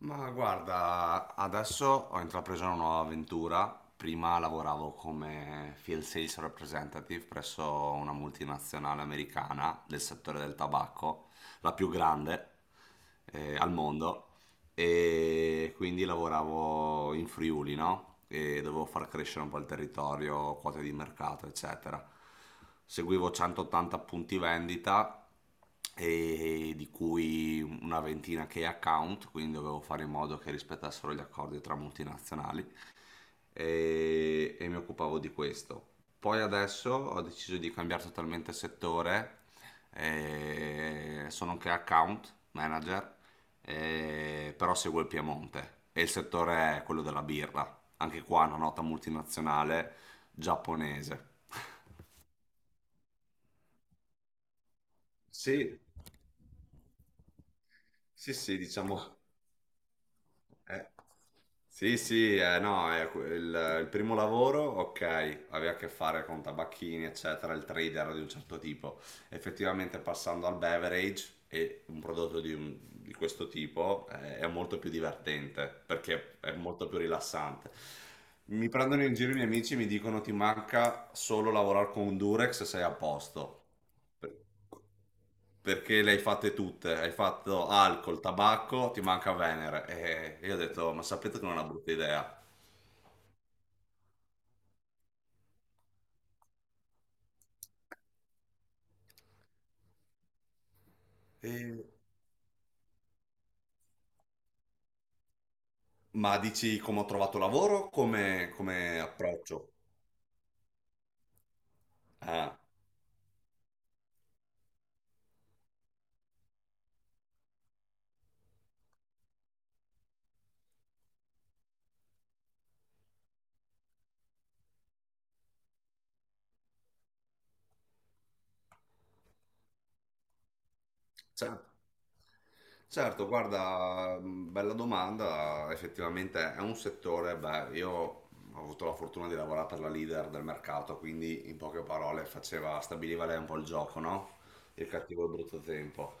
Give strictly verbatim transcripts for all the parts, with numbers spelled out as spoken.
Ma guarda, adesso ho intrapreso una nuova avventura. Prima lavoravo come field sales representative presso una multinazionale americana del settore del tabacco, la più grande eh, al mondo, e quindi lavoravo in Friuli, no? E dovevo far crescere un po' il territorio, quote di mercato, eccetera. Seguivo centottanta punti vendita, e di cui una ventina che account, quindi dovevo fare in modo che rispettassero gli accordi tra multinazionali, e, e mi occupavo di questo. Poi adesso ho deciso di cambiare totalmente settore, eh, sono anche account manager, eh, però seguo il Piemonte e il settore è quello della birra, anche qua una nota multinazionale giapponese. Sì, sì, sì, diciamo. eh, Sì, sì, eh, no, eh, que- il, il primo lavoro, ok, aveva a che fare con tabacchini, eccetera, il trader di un certo tipo. Effettivamente passando al beverage e un prodotto di, un- di questo tipo eh, è molto più divertente perché è molto più rilassante. Mi prendono in giro i miei amici e mi dicono ti manca solo lavorare con un Durex e sei a posto. Per- Perché le hai fatte tutte, hai fatto alcol, tabacco, ti manca Venere. E io ho detto, ma sapete che non è una brutta idea. E- Ma dici come ho trovato lavoro? Come, come approccio? Ah, certo. Certo, guarda, mh, bella domanda, effettivamente è un settore, beh, io ho avuto la fortuna di lavorare per la leader del mercato, quindi in poche parole faceva, stabiliva lei un po' il gioco, no? Il cattivo e il brutto tempo.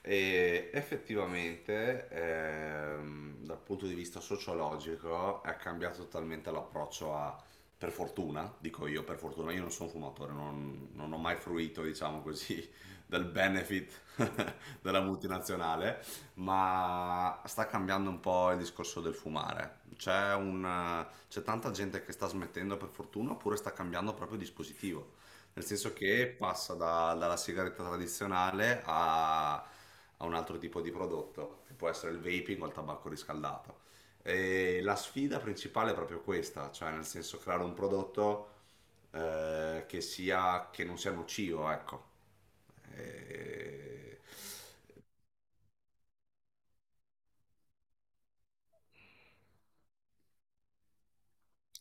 E effettivamente, ehm, dal punto di vista sociologico, è cambiato totalmente l'approccio a, per fortuna, dico io per fortuna, io non sono fumatore, non non ho mai fruito, diciamo così, del benefit della multinazionale, ma sta cambiando un po' il discorso del fumare. C'è, un, c'è tanta gente che sta smettendo per fortuna, oppure sta cambiando proprio dispositivo, nel senso che passa da- dalla sigaretta tradizionale a, a un altro tipo di prodotto, che può essere il vaping o il tabacco riscaldato. E la sfida principale è proprio questa, cioè nel senso creare un prodotto eh, che sia, che non sia nocivo, ecco. E...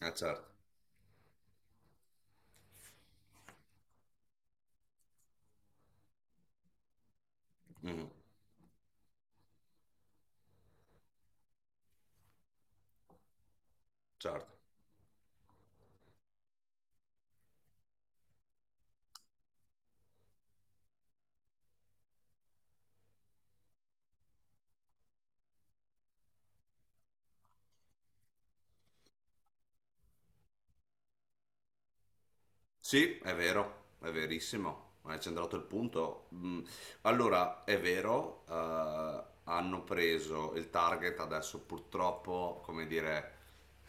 Eh, certo. Mhm. Certo. Sì, è vero, è verissimo, hai centrato il punto. Mm, Allora, è vero, eh, hanno preso il target adesso purtroppo, come dire,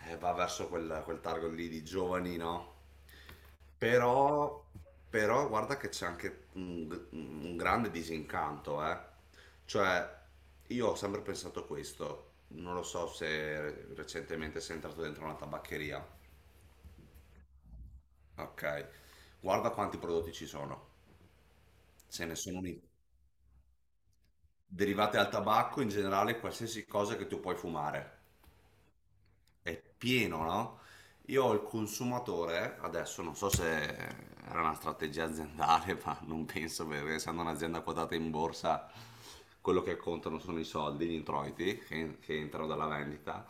eh, va verso quel, quel target lì di giovani, no? Però, però guarda che c'è anche un, un grande disincanto, eh. Cioè, io ho sempre pensato questo, non lo so se recentemente sei entrato dentro una tabaccheria. Ok, guarda quanti prodotti ci sono, ce ne sono un- derivati dal tabacco in generale, qualsiasi cosa che tu puoi fumare. È pieno, no? Io ho il consumatore, adesso non so se era una strategia aziendale, ma non penso, perché essendo un'azienda quotata in borsa, quello che contano sono i soldi, gli introiti che, che entrano dalla vendita.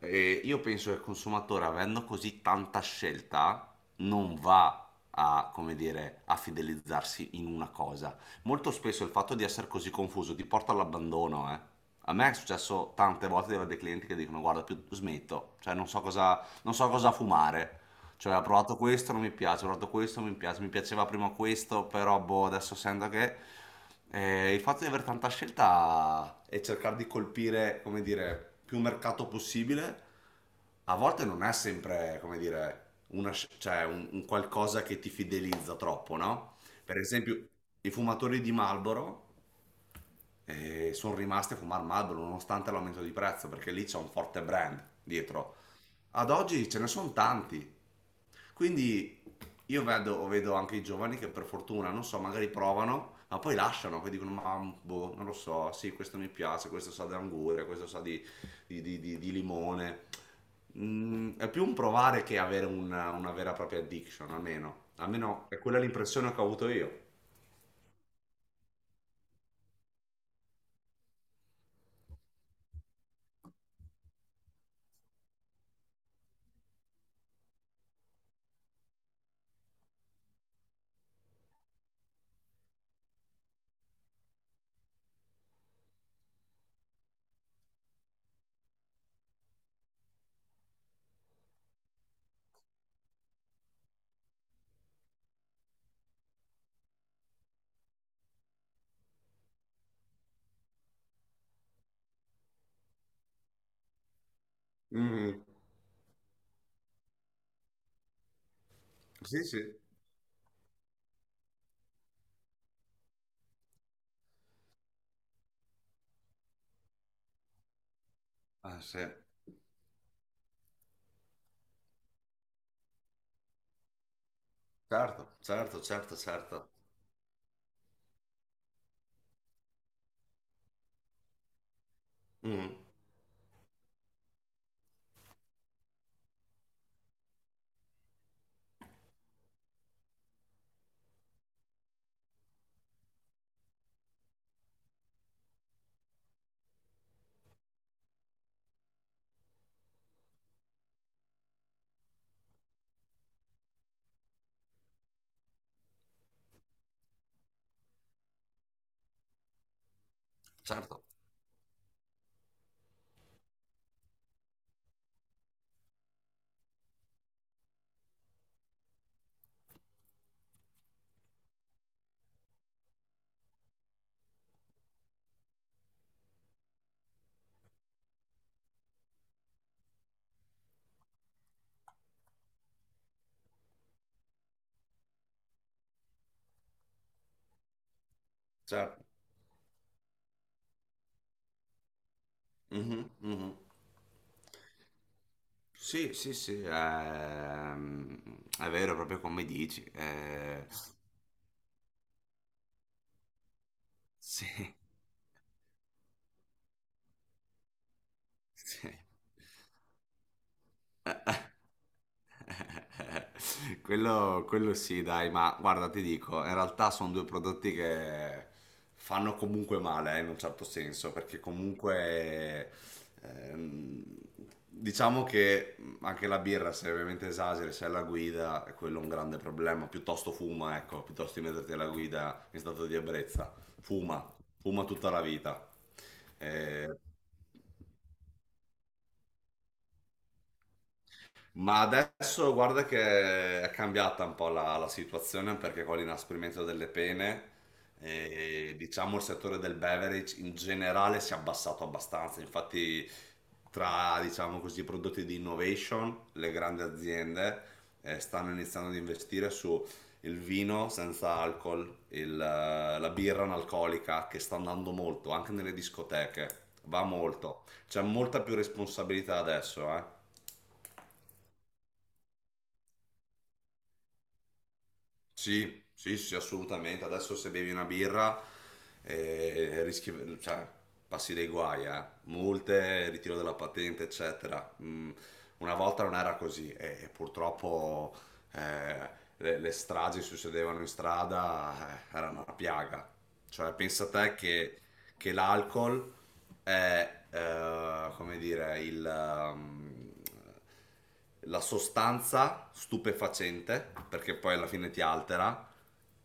E io penso che il consumatore, avendo così tanta scelta, non va a, come dire, a fidelizzarsi in una cosa. Molto spesso il fatto di essere così confuso ti porta all'abbandono, eh. A me è successo tante volte di avere dei clienti che dicono guarda più smetto, cioè non so cosa, non so cosa fumare, cioè ho provato questo, non mi piace, ho provato questo, non mi piace, mi piaceva prima questo, però boh, adesso sento che... Eh, il fatto di avere tanta scelta e cercare di colpire, come dire, più mercato possibile, a volte non è sempre, come dire, una sc- cioè un, un qualcosa che ti fidelizza troppo, no? Per esempio, i fumatori di Marlboro e sono rimasti a fumare Marlboro nonostante l'aumento di prezzo perché lì c'è un forte brand dietro. Ad oggi ce ne sono tanti, quindi io vedo, vedo anche i giovani che per fortuna, non so, magari provano, ma poi lasciano, poi dicono, ma boh, non lo so, sì, questo mi piace, questo sa di anguria, questo sa di, di- di- di- di limone. Mm, è più un provare che avere una, una vera e propria addiction, almeno. Almeno è quella l'impressione che ho avuto io. Mm, sì, sì. Ah, sì. Certo, certo, certo, certo. Mm, certo, certo. Mhm, mhm. Sì, sì, sì, ehm, è vero, proprio come dici. Eh, sì, sì. Quello, quello sì, dai, ma guarda, ti dico, in realtà sono due prodotti che fanno comunque male, eh, in un certo senso, perché comunque ehm, diciamo che anche la birra, se ovviamente esageri, se è alla guida, è quello un grande problema. Piuttosto fuma, ecco, piuttosto di metterti alla guida in stato di ebbrezza. Fuma, fuma tutta la vita. Eh, Ma adesso guarda che è cambiata un po' la, la situazione, perché con l'inasprimento delle pene, eh, diciamo il settore del beverage in generale si è abbassato abbastanza. Infatti, tra diciamo così, i prodotti di innovation, le grandi aziende eh, stanno iniziando ad investire su il vino senza alcol, il, eh, la birra analcolica che sta andando molto anche nelle discoteche, va molto. C'è molta più responsabilità adesso, eh. Sì, sì, sì, assolutamente. Adesso se bevi una birra, eh, rischi, cioè, passi dei guai, eh. Multe, ritiro della patente, eccetera. Mm, una volta non era così, e, e purtroppo eh, le, le stragi succedevano in strada, eh, erano una piaga. Cioè, pensa te che, che, l'alcol è, eh, come dire, il, ehm, la sostanza stupefacente, perché poi alla fine ti altera,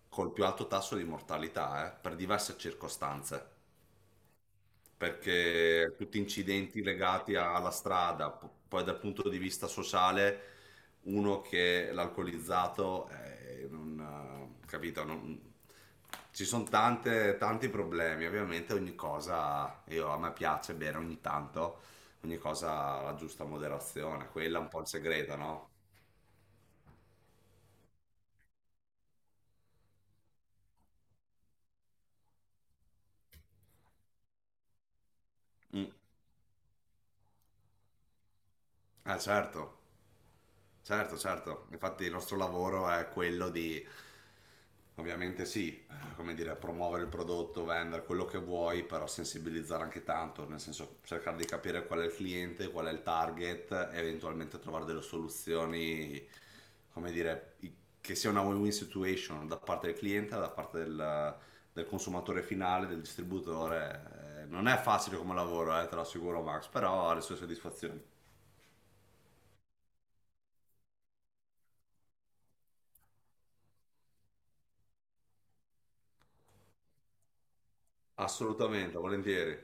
col più alto tasso di mortalità, eh, per diverse circostanze, perché tutti incidenti legati a- alla strada. P- poi dal punto di vista sociale, uno che è l'alcolizzato, eh, non, eh, capito, non- ci sono tante, tanti problemi, ovviamente ogni cosa, io, a me piace bere ogni tanto, ogni cosa alla giusta moderazione, quella è un po' il segreto, no? Mm. Ah, certo. Certo, certo. Infatti il nostro lavoro è quello di, ovviamente sì, eh, come dire, promuovere il prodotto, vendere quello che vuoi, però sensibilizzare anche tanto, nel senso cercare di capire qual è il cliente, qual è il target, e eventualmente trovare delle soluzioni, come dire, i- che sia una win-win situation da parte del cliente, da parte del, del consumatore finale, del distributore. Eh, Non è facile come lavoro, eh, te lo assicuro Max, però ha le sue soddisfazioni. Assolutamente, volentieri.